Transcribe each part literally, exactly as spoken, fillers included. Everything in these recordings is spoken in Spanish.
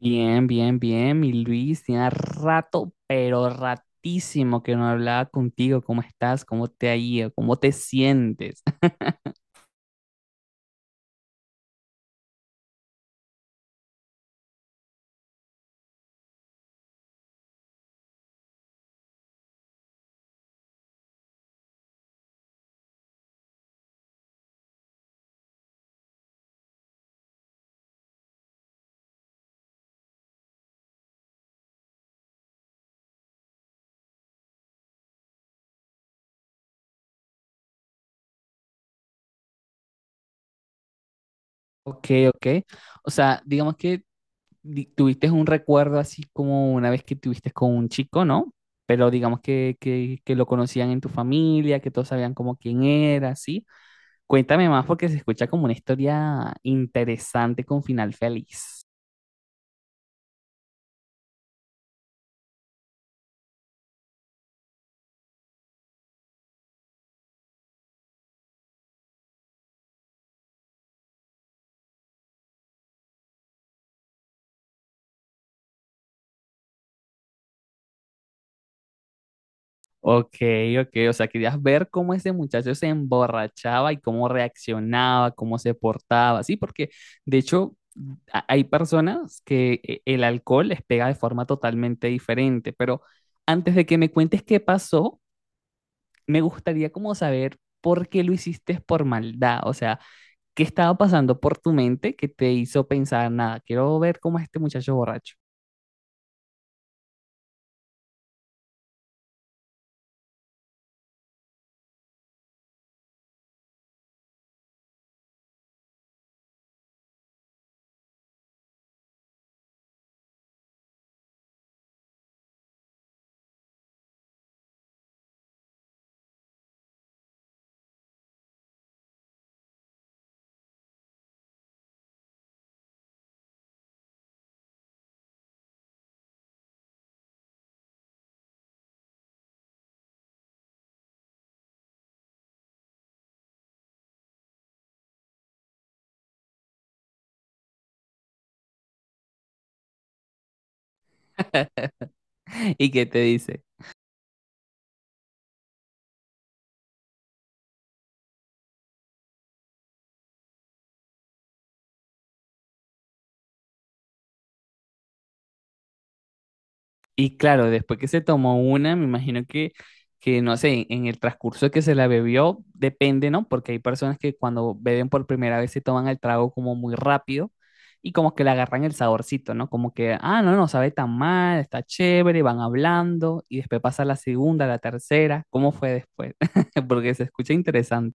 Bien, bien, bien, mi Luis, tenía rato, pero ratísimo que no hablaba contigo. ¿Cómo estás? ¿Cómo te ha ido? ¿Cómo te sientes? Ok, ok. O sea, digamos que di- tuviste un recuerdo así como una vez que tuviste con un chico, ¿no? Pero digamos que, que, que, lo conocían en tu familia, que todos sabían como quién era, ¿sí? Cuéntame más porque se escucha como una historia interesante con final feliz. Ok, ok, o sea, querías ver cómo ese muchacho se emborrachaba y cómo reaccionaba, cómo se portaba, sí, porque de hecho a- hay personas que eh, el alcohol les pega de forma totalmente diferente, pero antes de que me cuentes qué pasó, me gustaría como saber por qué lo hiciste por maldad, o sea, qué estaba pasando por tu mente que te hizo pensar, nada, quiero ver cómo es este muchacho borracho. ¿Y qué te dice? Y claro, después que se tomó una, me imagino que, que no sé, en, el transcurso que se la bebió, depende, ¿no? Porque hay personas que cuando beben por primera vez se toman el trago como muy rápido y como que le agarran el saborcito, ¿no? Como que, ah, no, no sabe tan mal, está chévere, van hablando y después pasa la segunda, la tercera, ¿cómo fue después? Porque se escucha interesante.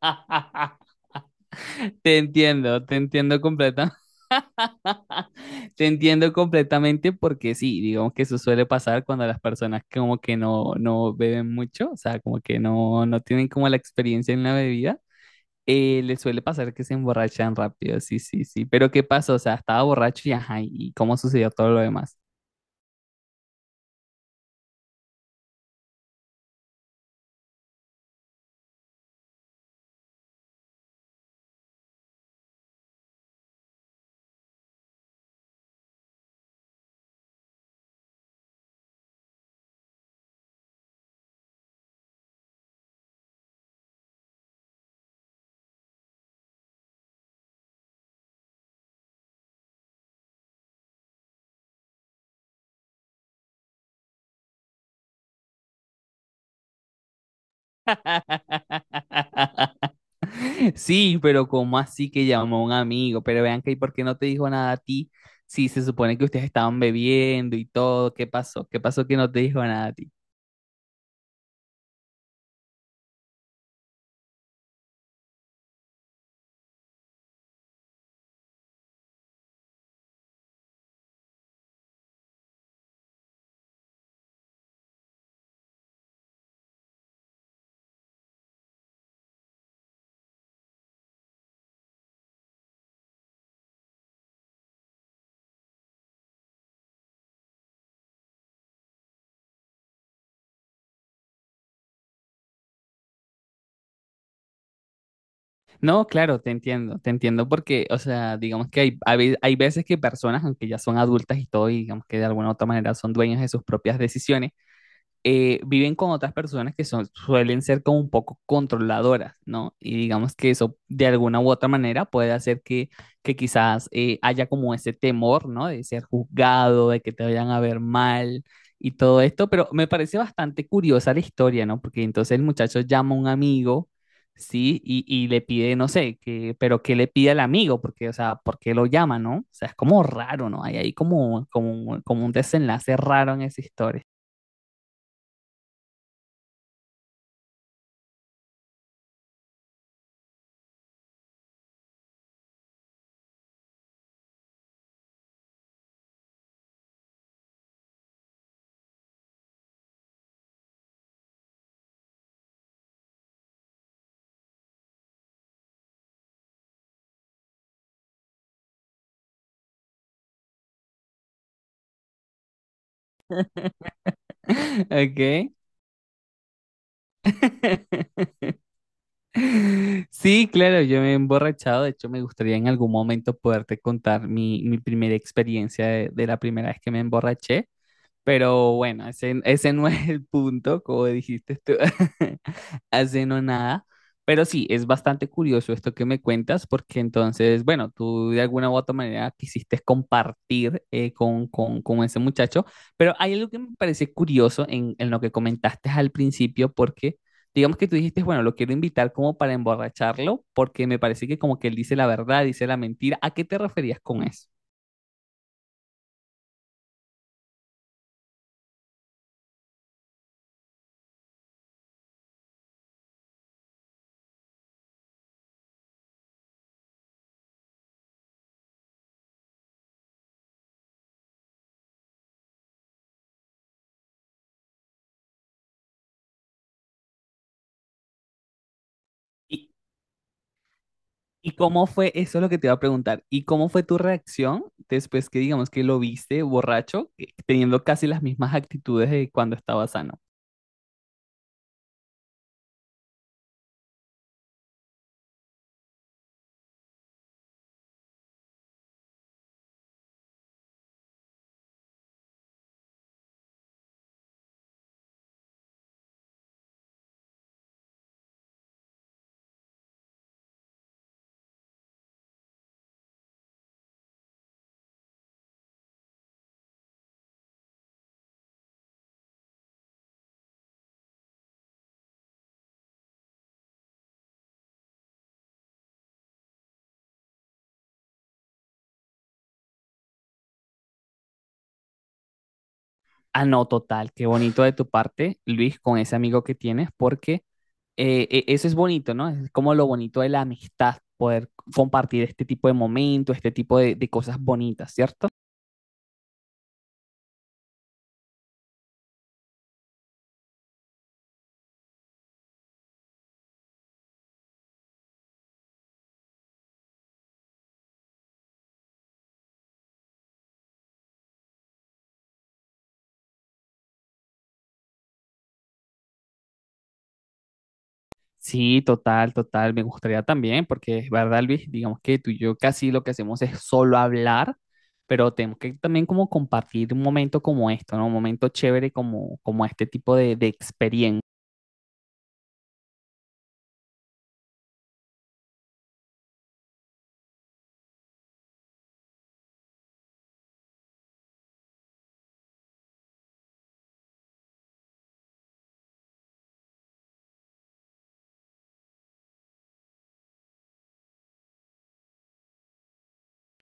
Te entiendo, te entiendo completamente. Te entiendo completamente porque sí, digamos que eso suele pasar cuando las personas como que no, no beben mucho, o sea, como que no, no tienen como la experiencia en la bebida, eh, les suele pasar que se emborrachan rápido, sí, sí, sí. Pero ¿qué pasó? O sea, estaba borracho y ajá, ¿y cómo sucedió todo lo demás? Sí, pero ¿cómo así que llamó a un amigo? Pero vean que, ¿y por qué no te dijo nada a ti? Si se supone que ustedes estaban bebiendo y todo, ¿qué pasó? ¿Qué pasó que no te dijo nada a ti? No, claro, te entiendo, te entiendo porque, o sea, digamos que hay, a ve- hay veces que personas, aunque ya son adultas y todo, y digamos que de alguna u otra manera son dueñas de sus propias decisiones, eh, viven con otras personas que son, suelen ser como un poco controladoras, ¿no? Y digamos que eso de alguna u otra manera puede hacer que, que quizás eh, haya como ese temor, ¿no? De ser juzgado, de que te vayan a ver mal y todo esto, pero me parece bastante curiosa la historia, ¿no? Porque entonces el muchacho llama a un amigo, ¿sí? Y, y le pide, no sé, que, pero ¿qué le pide al amigo? Porque, o sea, ¿por qué lo llama, no? O sea, es como raro, ¿no? Hay ahí como, como, como un desenlace raro en esa historia. Ok. Sí, claro, yo me he emborrachado. De hecho, me gustaría en algún momento poderte contar mi, mi primera experiencia de, de la primera vez que me emborraché. Pero bueno, ese, ese no es el punto, como dijiste tú, hace no nada. Pero sí, es bastante curioso esto que me cuentas, porque entonces, bueno, tú de alguna u otra manera quisiste compartir eh, con, con, con ese muchacho, pero hay algo que me parece curioso en, en lo que comentaste al principio, porque digamos que tú dijiste, bueno, lo quiero invitar como para emborracharlo, porque me parece que como que él dice la verdad, dice la mentira. ¿A qué te referías con eso? ¿Y cómo fue? Eso es lo que te iba a preguntar. ¿Y cómo fue tu reacción después que digamos que lo viste borracho, eh, teniendo casi las mismas actitudes de cuando estaba sano? Ah, no, total, qué bonito de tu parte, Luis, con ese amigo que tienes, porque eh, e- eso es bonito, ¿no? Es como lo bonito de la amistad, poder compartir este tipo de momentos, este tipo de de cosas bonitas, ¿cierto? Sí, total, total. Me gustaría también, porque es verdad, Luis, digamos que tú y yo casi lo que hacemos es solo hablar, pero tenemos que también como compartir un momento como esto, ¿no? Un momento chévere como, como este tipo de, de experiencia.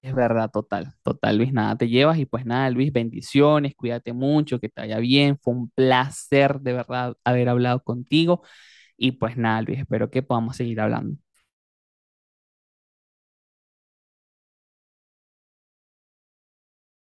Es verdad, total, total, Luis, nada te llevas y pues nada, Luis, bendiciones, cuídate mucho, que te vaya bien. Fue un placer de verdad haber hablado contigo y pues nada, Luis, espero que podamos seguir hablando.